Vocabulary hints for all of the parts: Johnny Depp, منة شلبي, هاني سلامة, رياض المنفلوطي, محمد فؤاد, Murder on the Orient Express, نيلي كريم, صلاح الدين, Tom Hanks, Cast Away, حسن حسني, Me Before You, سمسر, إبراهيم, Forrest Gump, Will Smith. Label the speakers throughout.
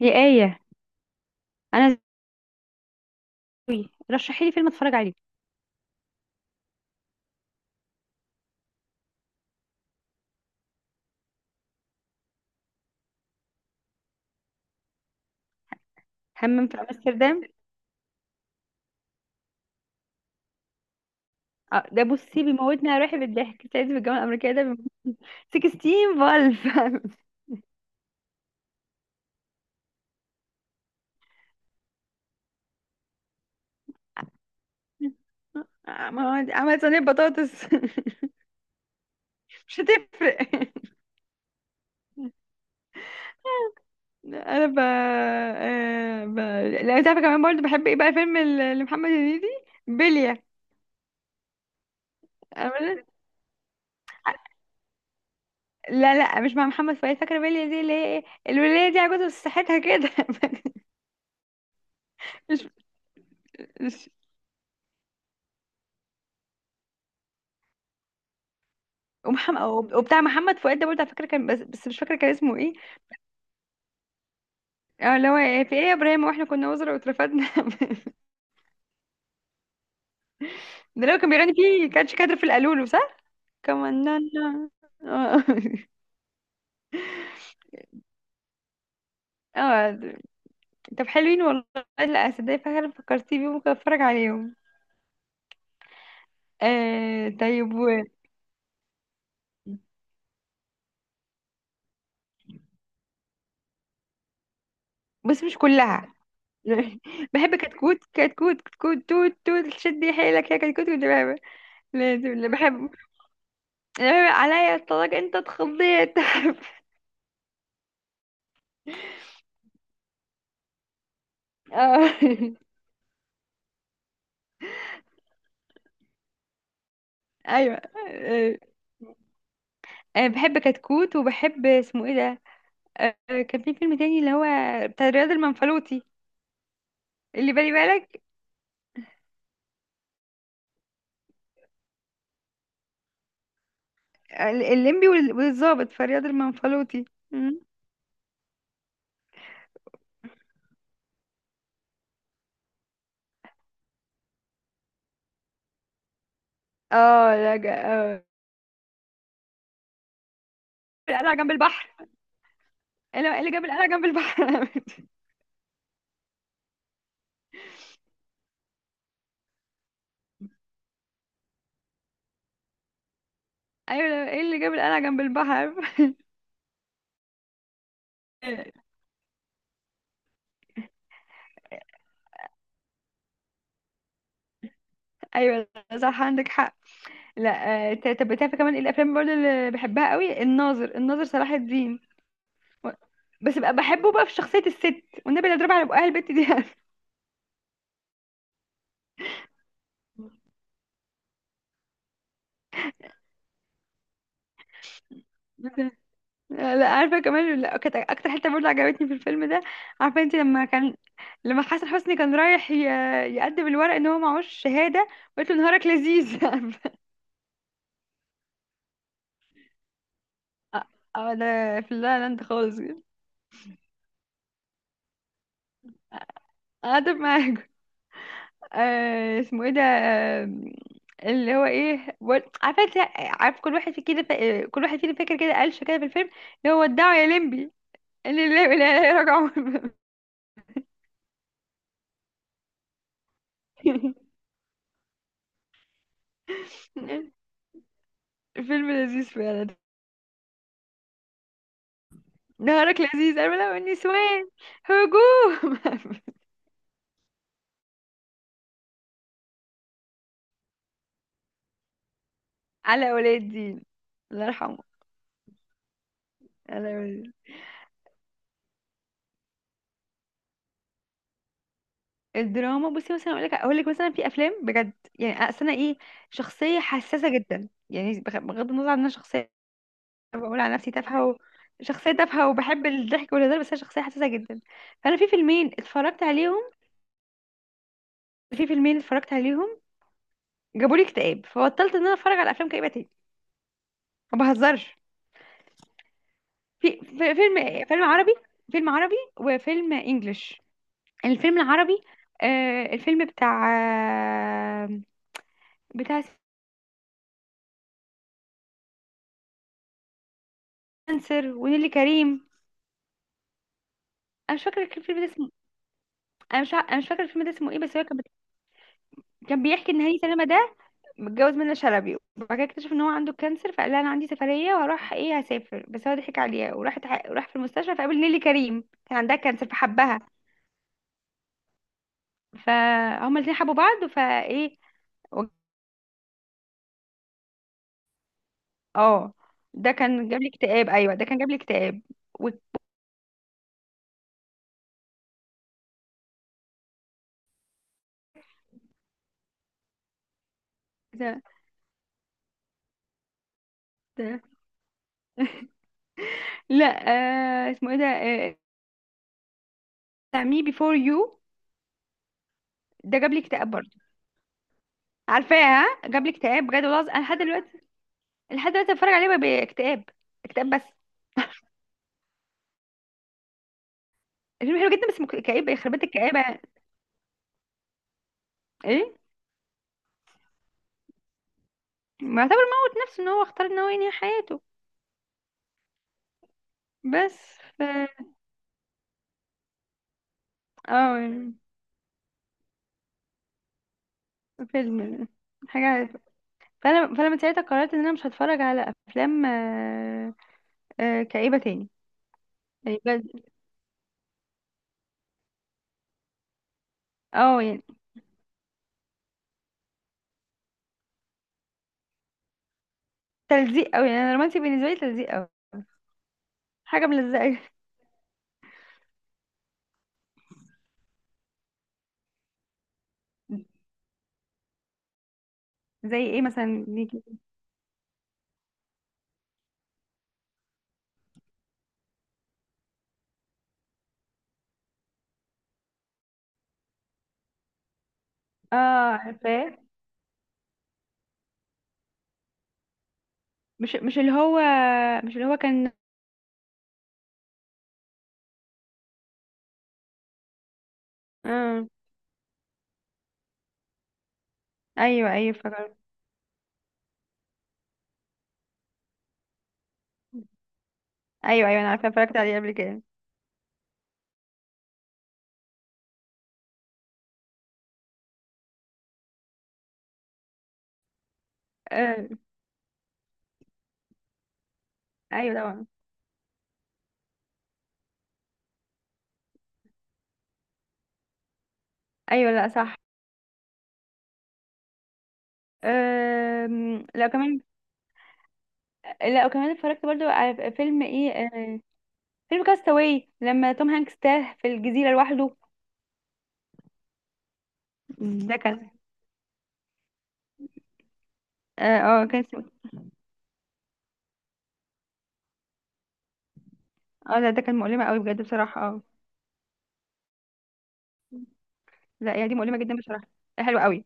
Speaker 1: يا آية، أنا زوي رشحي لي فيلم أتفرج عليه. حمام في أمستردام. ده بصي بيموتني على روحي بالضحك. سعيد في الجامعة الأمريكية ده بيموت. 16 فالف عملت صينية بطاطس مش هتفرق. أنا ب... آه، ب... لا أنت عارفة، كمان برضه بحب إيه بقى فيلم لمحمد هنيدي؟ بلية. أنا- لا مش مع محمد فؤاد، فاكرة بلية دي اللي هي إيه؟ الولية دي عجوزة بس صحتها كده. مش مش ومحمد، وبتاع محمد فؤاد ده برضه على فكره كان بس مش فاكره كان اسمه ايه. اه، اللي هو إيه، في ايه يا ابراهيم واحنا كنا وزراء واترفدنا. ده لو كان بيغني فيه كانش كادر في القالولو، صح؟ كمان اه. اه، طب حلوين والله. لا صدق، فعلا فكرتي بيهم، ممكن اتفرج عليهم. طيب بس مش كلها. بحب كتكوت كتكوت كتكوت توت توت شدي حيلك يا كتكوت، كنت بحبه. لازم اللي بحبه، اللي بحب عليا الطلاق انت اتخضيت. اه، ايوه. انا بحب كتكوت، وبحب اسمه ايه ده، كان في فيلم تاني اللي هو بتاع رياض المنفلوطي، اللي بالي بالك. الليمبي والظابط في رياض المنفلوطي. مم. اه لا جا... آه. القلعة جنب البحر. ايه اللي إيه اللي جاب القلعة جنب البحر؟ ايوه لا، ايه اللي جاب القلعة جنب البحر؟ ايوه لا، صح عندك حق. لا، طب بتعرف كمان إيه الافلام برضه اللي بحبها قوي؟ الناظر صلاح الدين و- بس بقى بحبه بقى في شخصية الست، والنبي اللي اضربها على بقها البت دي. مثلا. لا عارفه كمان، لا، كانت اكتر حته برضه عجبتني في الفيلم ده، عارفه انت لما كان، لما حسن حسني كان رايح يقدم الورق ان هو معهوش شهاده، وقلت له نهارك لذيذ. اه، ده في اللا لاند خالص. قاعدة معاك. اسمه ايه ده؟ اللي هو ايه عارفه انت، عارف كل واحد في كده كل واحد فينا فاكر كده قالش كده في الفيلم، اللي هو ودعوا يا لمبي، اللي رجعوا. فيلم لذيذ فعلا. نهارك لذيذ، أرملة والنسوان هجوم. على ولي الدين الله يرحمه. على ولي الدين. الدراما بصي، مثلا اقول لك مثلا، في افلام بجد، يعني اصل انا ايه، شخصيه حساسه جدا، يعني بغض النظر عن ان انا شخصيه، بقول على نفسي تافهه شخصيه تافهه وبحب الضحك والهزار، بس انا شخصيه حساسه جدا. فانا في فيلمين اتفرجت عليهم، في فيلمين اتفرجت عليهم جابوا لي اكتئاب، فبطلت ان انا اتفرج على افلام كئيبه تاني، ما بهزرش. فيلم عربي، فيلم عربي وفيلم انجلش. الفيلم العربي، آه، الفيلم بتاع، آه، بتاع سمسر ونيلي كريم. انا مش فاكره الفيلم ده اسمه، انا مش فاكره الفيلم ده اسمه ايه، بس هو كان بيحكي ان هاني سلامه ده متجوز منة شلبي، وبعد كده اكتشف ان هو عنده كانسر، فقال لها انا عندي سفريه وهروح ايه هسافر، بس هو ضحك عليها وراح. راح في المستشفى فقابل نيلي كريم كان عندها كانسر فحبها، فهما الاثنين حبوا بعض فايه. و- اه، ده كان جاب لي اكتئاب، ايوه ده كان جاب لي اكتئاب. و... ده- ده- لا، اسمه ايه ده، آه، مي بيفور يو. ده جاب لي اكتئاب برضه، عارفاها جاب لي اكتئاب بجد والله العظيم. انا لحد دلوقتي، لحد دلوقتي بتفرج عليه باكتئاب، اكتئاب بس. الفيلم حلو جدا بس كئيب يخرب بيت الكآبة. ايه، معتبر موت نفسه، ان هو اختار ان هو ينهي حياته. بس ف اه يعني. فيلم. حاجة. فانا، فانا من ساعتها قررت ان انا مش هتفرج على افلام كئيبة تاني، يعني بجد. اه يعني، تلزيق قوي، يعني أنا الرومانسي بالنسبة لي تلزيق قوي، حاجة ملزقة. زي ايه مثلا ليكي؟ اه، عارفاه. مش اللي هو، مش اللي هو كان، اه ايوه ايوه فكرت. ايوه ايوه انا عارفه، اتفرجت عليه قبل كده. آه. ايوه طبعا. ايوه لا صح. لا كمان، لا وكمان اتفرجت برضو على فيلم ايه. آه. فيلم كاستاوي لما توم هانكس تاه في الجزيره لوحده. ده كان اه، كان اسمه، اه لا ده كان مؤلمه قوي بجد بصراحه، اه لا يعني دي مؤلمه جدا بصراحه، حلوه قوي.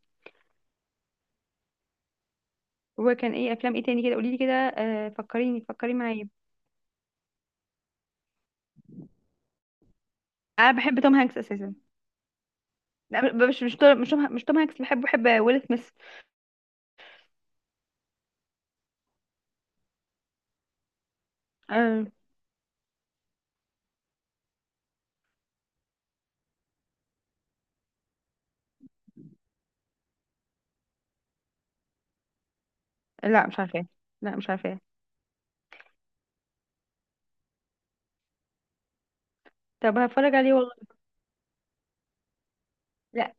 Speaker 1: وكان ايه افلام ايه تاني كده، قولي لي كده آه، فكريني فكري معايا. انا بحب توم هانكس اساسا. لا مش توم هانكس بحبه، بحب ويل سميث. آه. لا مش عارفاه، لا مش عارفاه. طب هتفرج عليه والله. لا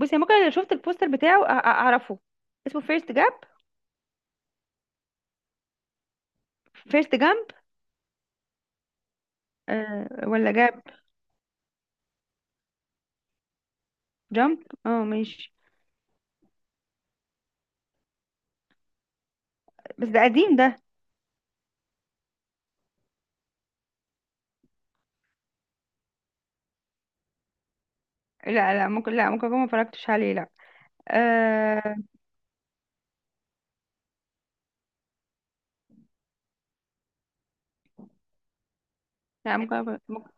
Speaker 1: بصي، ممكن لو شفت البوستر بتاعه اعرفه. اسمه فيرست جاب، فيرست جامب. آه. ولا جاب، جامب اه ماشي. بس ده قديم ده. لا ممكن، لا ممكن اكون ما اتفرجتش عليه، لا. آه. لا ممكن ممكن،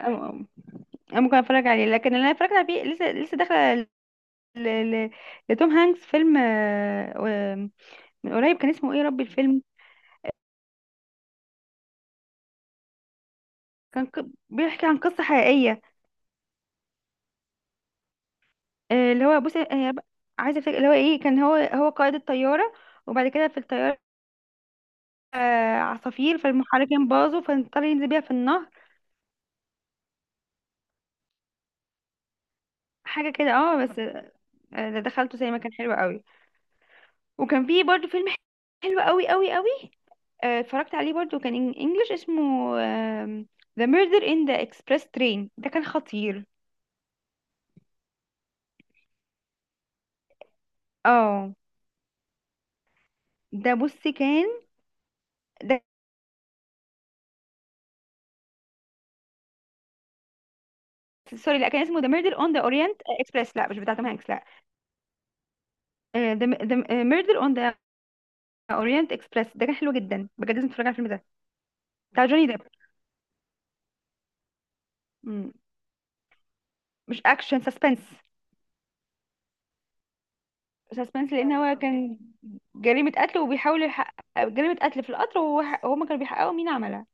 Speaker 1: أه، ممكن اتفرج عليه، لكن اللي انا اتفرجت عليه لسه لسه داخله، ل- ل- لتوم هانكس، فيلم من قريب كان اسمه ايه يا ربي الفيلم. بيحكي عن قصة حقيقية. اللي هو بصي، عايزة افتكر اللي هو ايه، كان هو قائد الطيارة، وبعد كده في الطيارة، عصافير فالمحركين باظوا، فاضطر ينزل بيها في النهر. حاجة كده اه، بس ده دخلته زي ما كان حلو قوي. وكان فيه برضو فيلم حلو قوي، اتفرجت عليه برضو، كان انجلش، اسمه آم، The Murder in the Express Train، ده كان خطير. اه ده بصي كان، ده سوري لا، كان اسمه ذا ميردر اون ذا اورينت اكسبريس، لا مش بتاع توم هانكس لا. ذا ميردر اون ذا اورينت اكسبريس، ده كان حلو جدا بجد، لازم تتفرج على الفيلم ده، بتاع جوني ديب. مم. مش اكشن، سسبنس. سسبنس لان هو كان جريمة قتل، وبيحاول يحقق جريمة قتل في القطر، وهما كانوا بيحققوا مين عملها.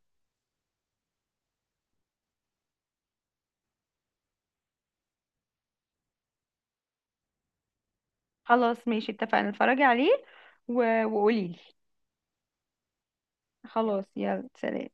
Speaker 1: خلاص ماشي اتفقنا، اتفرجي عليه وقولي لي. خلاص يلا سلام.